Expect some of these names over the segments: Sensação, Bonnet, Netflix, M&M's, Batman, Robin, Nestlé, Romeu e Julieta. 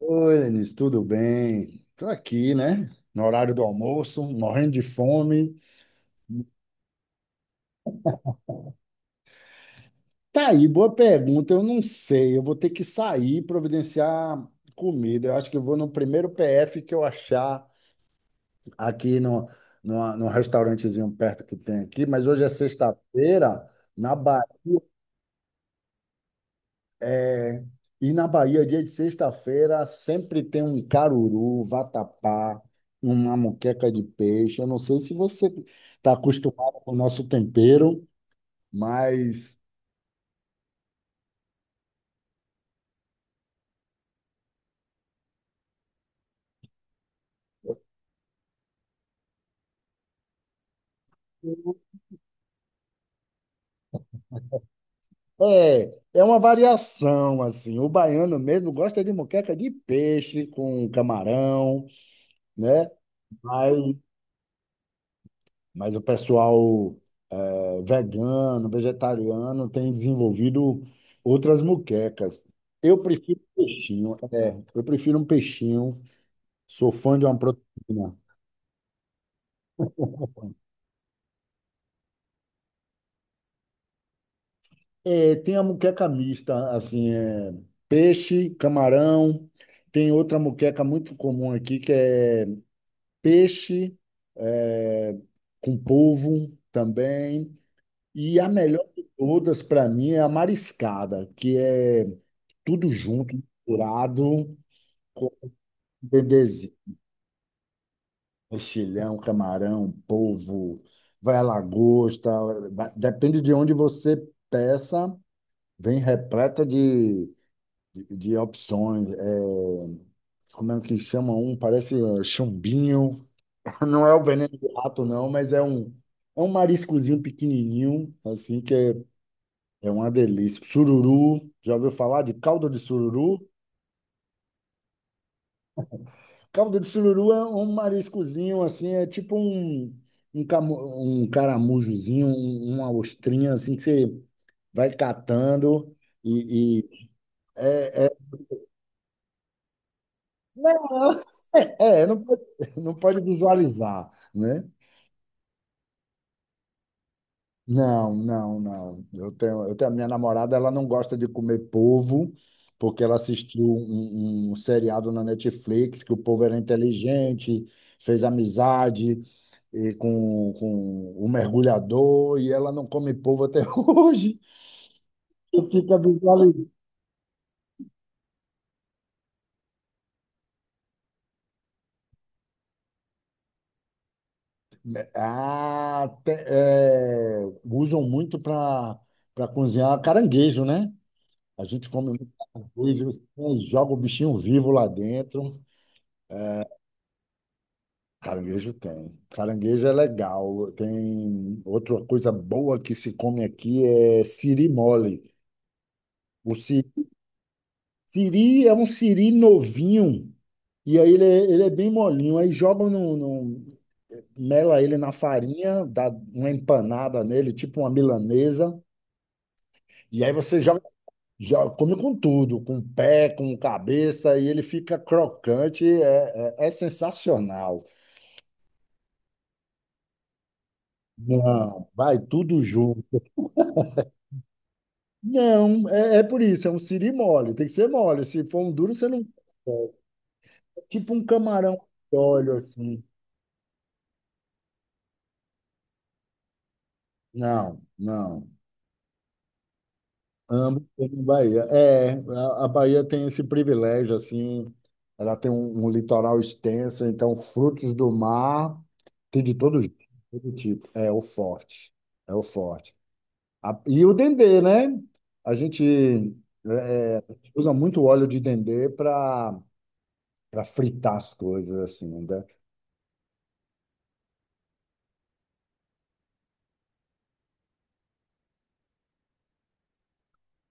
Oi, Lenis, tudo bem? Tô aqui, né? No horário do almoço, morrendo de fome. Tá aí, boa pergunta. Eu não sei. Eu vou ter que sair e providenciar comida. Eu acho que eu vou no primeiro PF que eu achar aqui no, no, num restaurantezinho perto que tem aqui. Mas hoje é sexta-feira, na Bahia. E na Bahia, dia de sexta-feira, sempre tem um caruru, vatapá, uma moqueca de peixe. Eu não sei se você está acostumado com o nosso tempero, mas é uma variação, assim. O baiano mesmo gosta de moqueca de peixe com camarão, né? Mas Mas o pessoal vegano, vegetariano tem desenvolvido outras muquecas. Eu prefiro um peixinho, eu prefiro um peixinho. Sou fã de uma proteína. É, tem a muqueca mista, assim, peixe, camarão. Tem outra muqueca muito comum aqui que é peixe eh, com polvo também. E a melhor de todas para mim é a mariscada, que é tudo junto, misturado com bebezinho, mexilhão, camarão, polvo, vai a lagosta, depende de onde você peça, vem repleta de opções. É, como é que chama um? Parece chumbinho. Não é o veneno de rato, não, mas é um mariscozinho pequenininho, assim, que é uma delícia. Sururu, já ouviu falar de caldo de sururu? Caldo de sururu é um mariscozinho assim, é tipo um caramujozinho, uma ostrinha assim que você vai catando e, e- é, é, não. é, é, não pode, não pode visualizar, né? Não, não, não. A minha namorada, ela não gosta de comer polvo, porque ela assistiu um seriado na Netflix que o povo era inteligente, fez amizade e com o mergulhador, e ela não come polvo até hoje. Eu fico visualizando. Ah, usam muito para cozinhar caranguejo, né? A gente come muito caranguejo, assim, joga o bichinho vivo lá dentro. Caranguejo tem. Caranguejo é legal. Tem outra coisa boa que se come aqui é siri mole. O siri, siri é um siri novinho e aí ele é bem molinho. Aí jogam mela ele na farinha, dá uma empanada nele, tipo uma milanesa. E aí você come com tudo, com pé, com cabeça e ele fica crocante. É sensacional. Não, vai tudo. Não, é por isso, é um siri mole, tem que ser mole. Se for um duro, você não. Tipo um camarão de óleo assim. Não, não. Ambos estão na Bahia. É, a Bahia tem esse privilégio, assim, ela tem um litoral extenso, então frutos do mar tem de todos, todo tipo. É o forte, é o forte. E o dendê, né? A gente é, é, usa muito óleo de dendê para fritar as coisas, assim, né?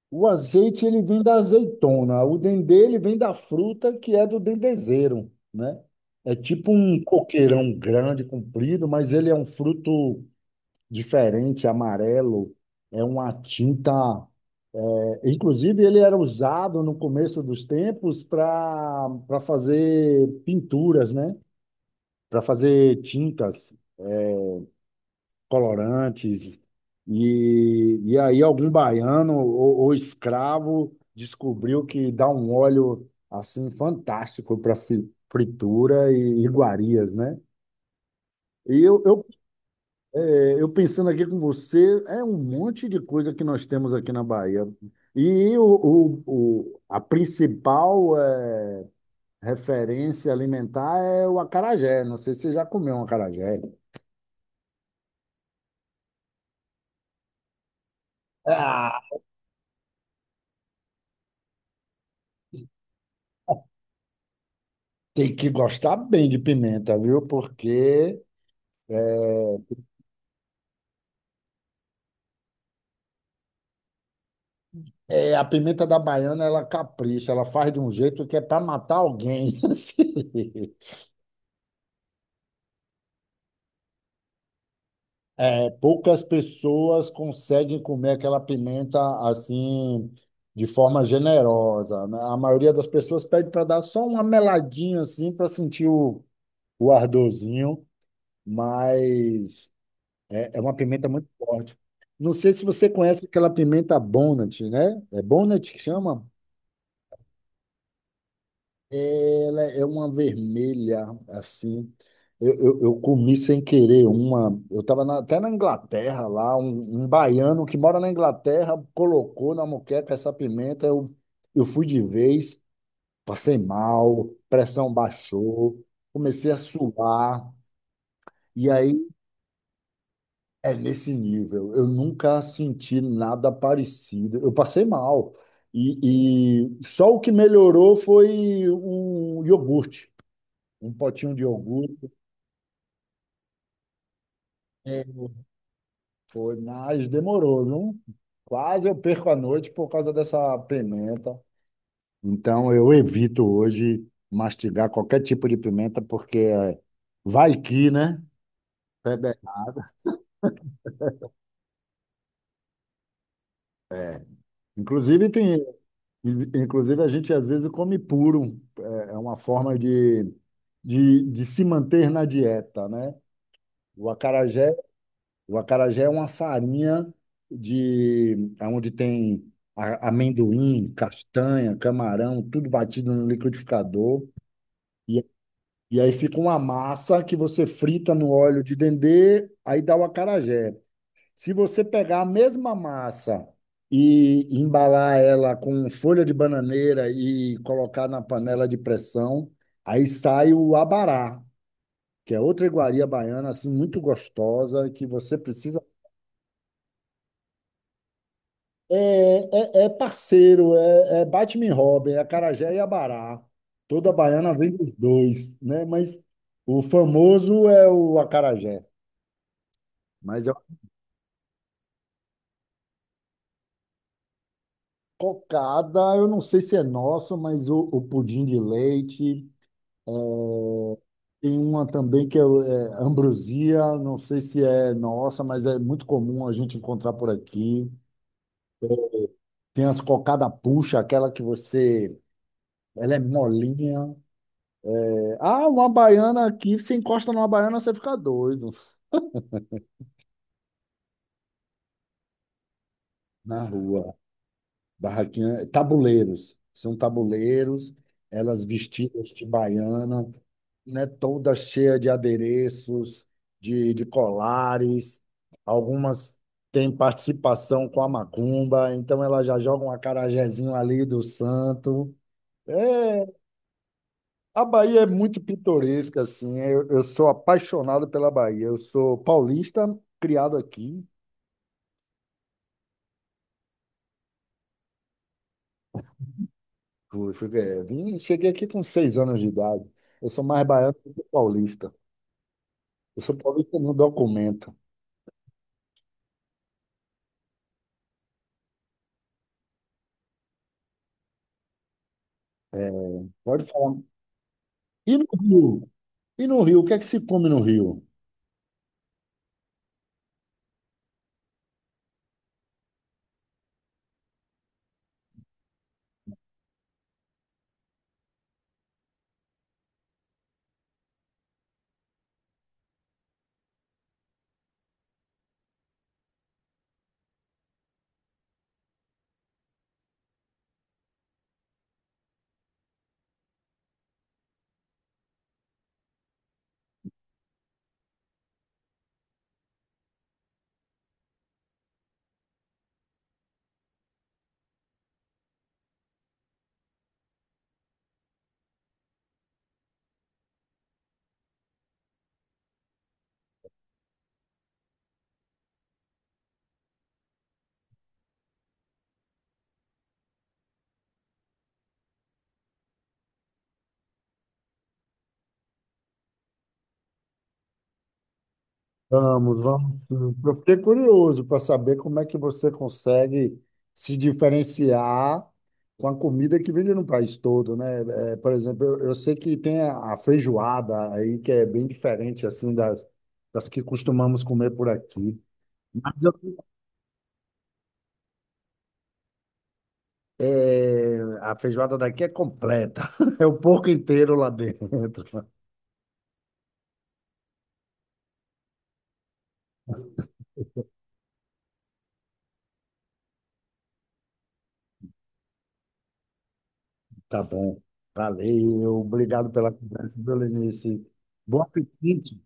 O azeite ele vem da azeitona, o dendê ele vem da fruta que é do dendezeiro, né? É tipo um coqueirão grande, comprido, mas ele é um fruto diferente, amarelo, é uma tinta. Inclusive, ele era usado no começo dos tempos para fazer pinturas, né? Para fazer tintas, colorantes. E aí algum baiano ou escravo descobriu que dá um óleo assim fantástico para fritura e iguarias, né? E eu pensando aqui com você, é um monte de coisa que nós temos aqui na Bahia. A principal referência alimentar é o acarajé. Não sei se você já comeu um acarajé. Ah, tem que gostar bem de pimenta, viu? Porque a pimenta da baiana, ela capricha, ela faz de um jeito que é para matar alguém. Assim. É, poucas pessoas conseguem comer aquela pimenta assim, de forma generosa, né? A maioria das pessoas pede para dar só uma meladinha assim, para sentir o ardorzinho, mas é uma pimenta muito forte. Não sei se você conhece aquela pimenta Bonnet, né? É Bonnet que chama? Ela é uma vermelha, assim. Eu comi sem querer uma. Eu estava até na Inglaterra lá, um baiano que mora na Inglaterra colocou na moqueca essa pimenta. Eu fui de vez, passei mal, pressão baixou, comecei a suar. E aí é nesse nível. Eu nunca senti nada parecido. Eu passei mal. E só o que melhorou foi um iogurte, um potinho de iogurte. É, foi, mas demorou, viu? Quase eu perco a noite por causa dessa pimenta. Então eu evito hoje mastigar qualquer tipo de pimenta, porque vai que, né? Pebe- Inclusive, tem, inclusive a gente às vezes come puro. É uma forma de se manter na dieta, né? O acarajé O acarajé é uma farinha de onde tem amendoim, castanha, camarão, tudo batido no liquidificador. E, e aí fica uma massa que você frita no óleo de dendê, aí dá o acarajé. Se você pegar a mesma massa e embalar ela com folha de bananeira e colocar na panela de pressão, aí sai o abará, que é outra iguaria baiana assim muito gostosa que você precisa. É parceiro, é Batman e Robin, é Acarajé e Abará. Toda baiana vem dos dois, né? Mas o famoso é o acarajé. Mas é uma cocada, eu não sei se é nosso, mas o pudim de leite. Tem uma também que é ambrosia, não sei se é nossa, mas é muito comum a gente encontrar por aqui. Tem as cocada puxa, aquela que você... Ela é molinha. Ah, uma baiana aqui, você encosta numa baiana, você fica doido. Na rua. Barraquinha, tabuleiros. São tabuleiros, elas vestidas de baiana, né, toda cheia de adereços, de colares. Algumas têm participação com a macumba, então elas já jogam um acarajézinho ali do santo. É, a Bahia é muito pitoresca, assim. Eu sou apaixonado pela Bahia. Eu sou paulista, criado aqui. Cheguei aqui com 6 anos de idade. Eu sou mais baiano do que paulista. Eu sou paulista, não documenta. Pode falar. E no Rio? E no Rio? O que é que se come no Rio? Vamos, vamos. Sim. Eu fiquei curioso para saber como é que você consegue se diferenciar com a comida que vende no país todo, né? É, por exemplo, eu sei que tem a feijoada aí, que é bem diferente assim das que costumamos comer por aqui. Mas eu É, a feijoada daqui é completa. É o porco inteiro lá dentro. Tá bom. Valeu. Obrigado pela conversa, viu, Lenice. Bom apetite.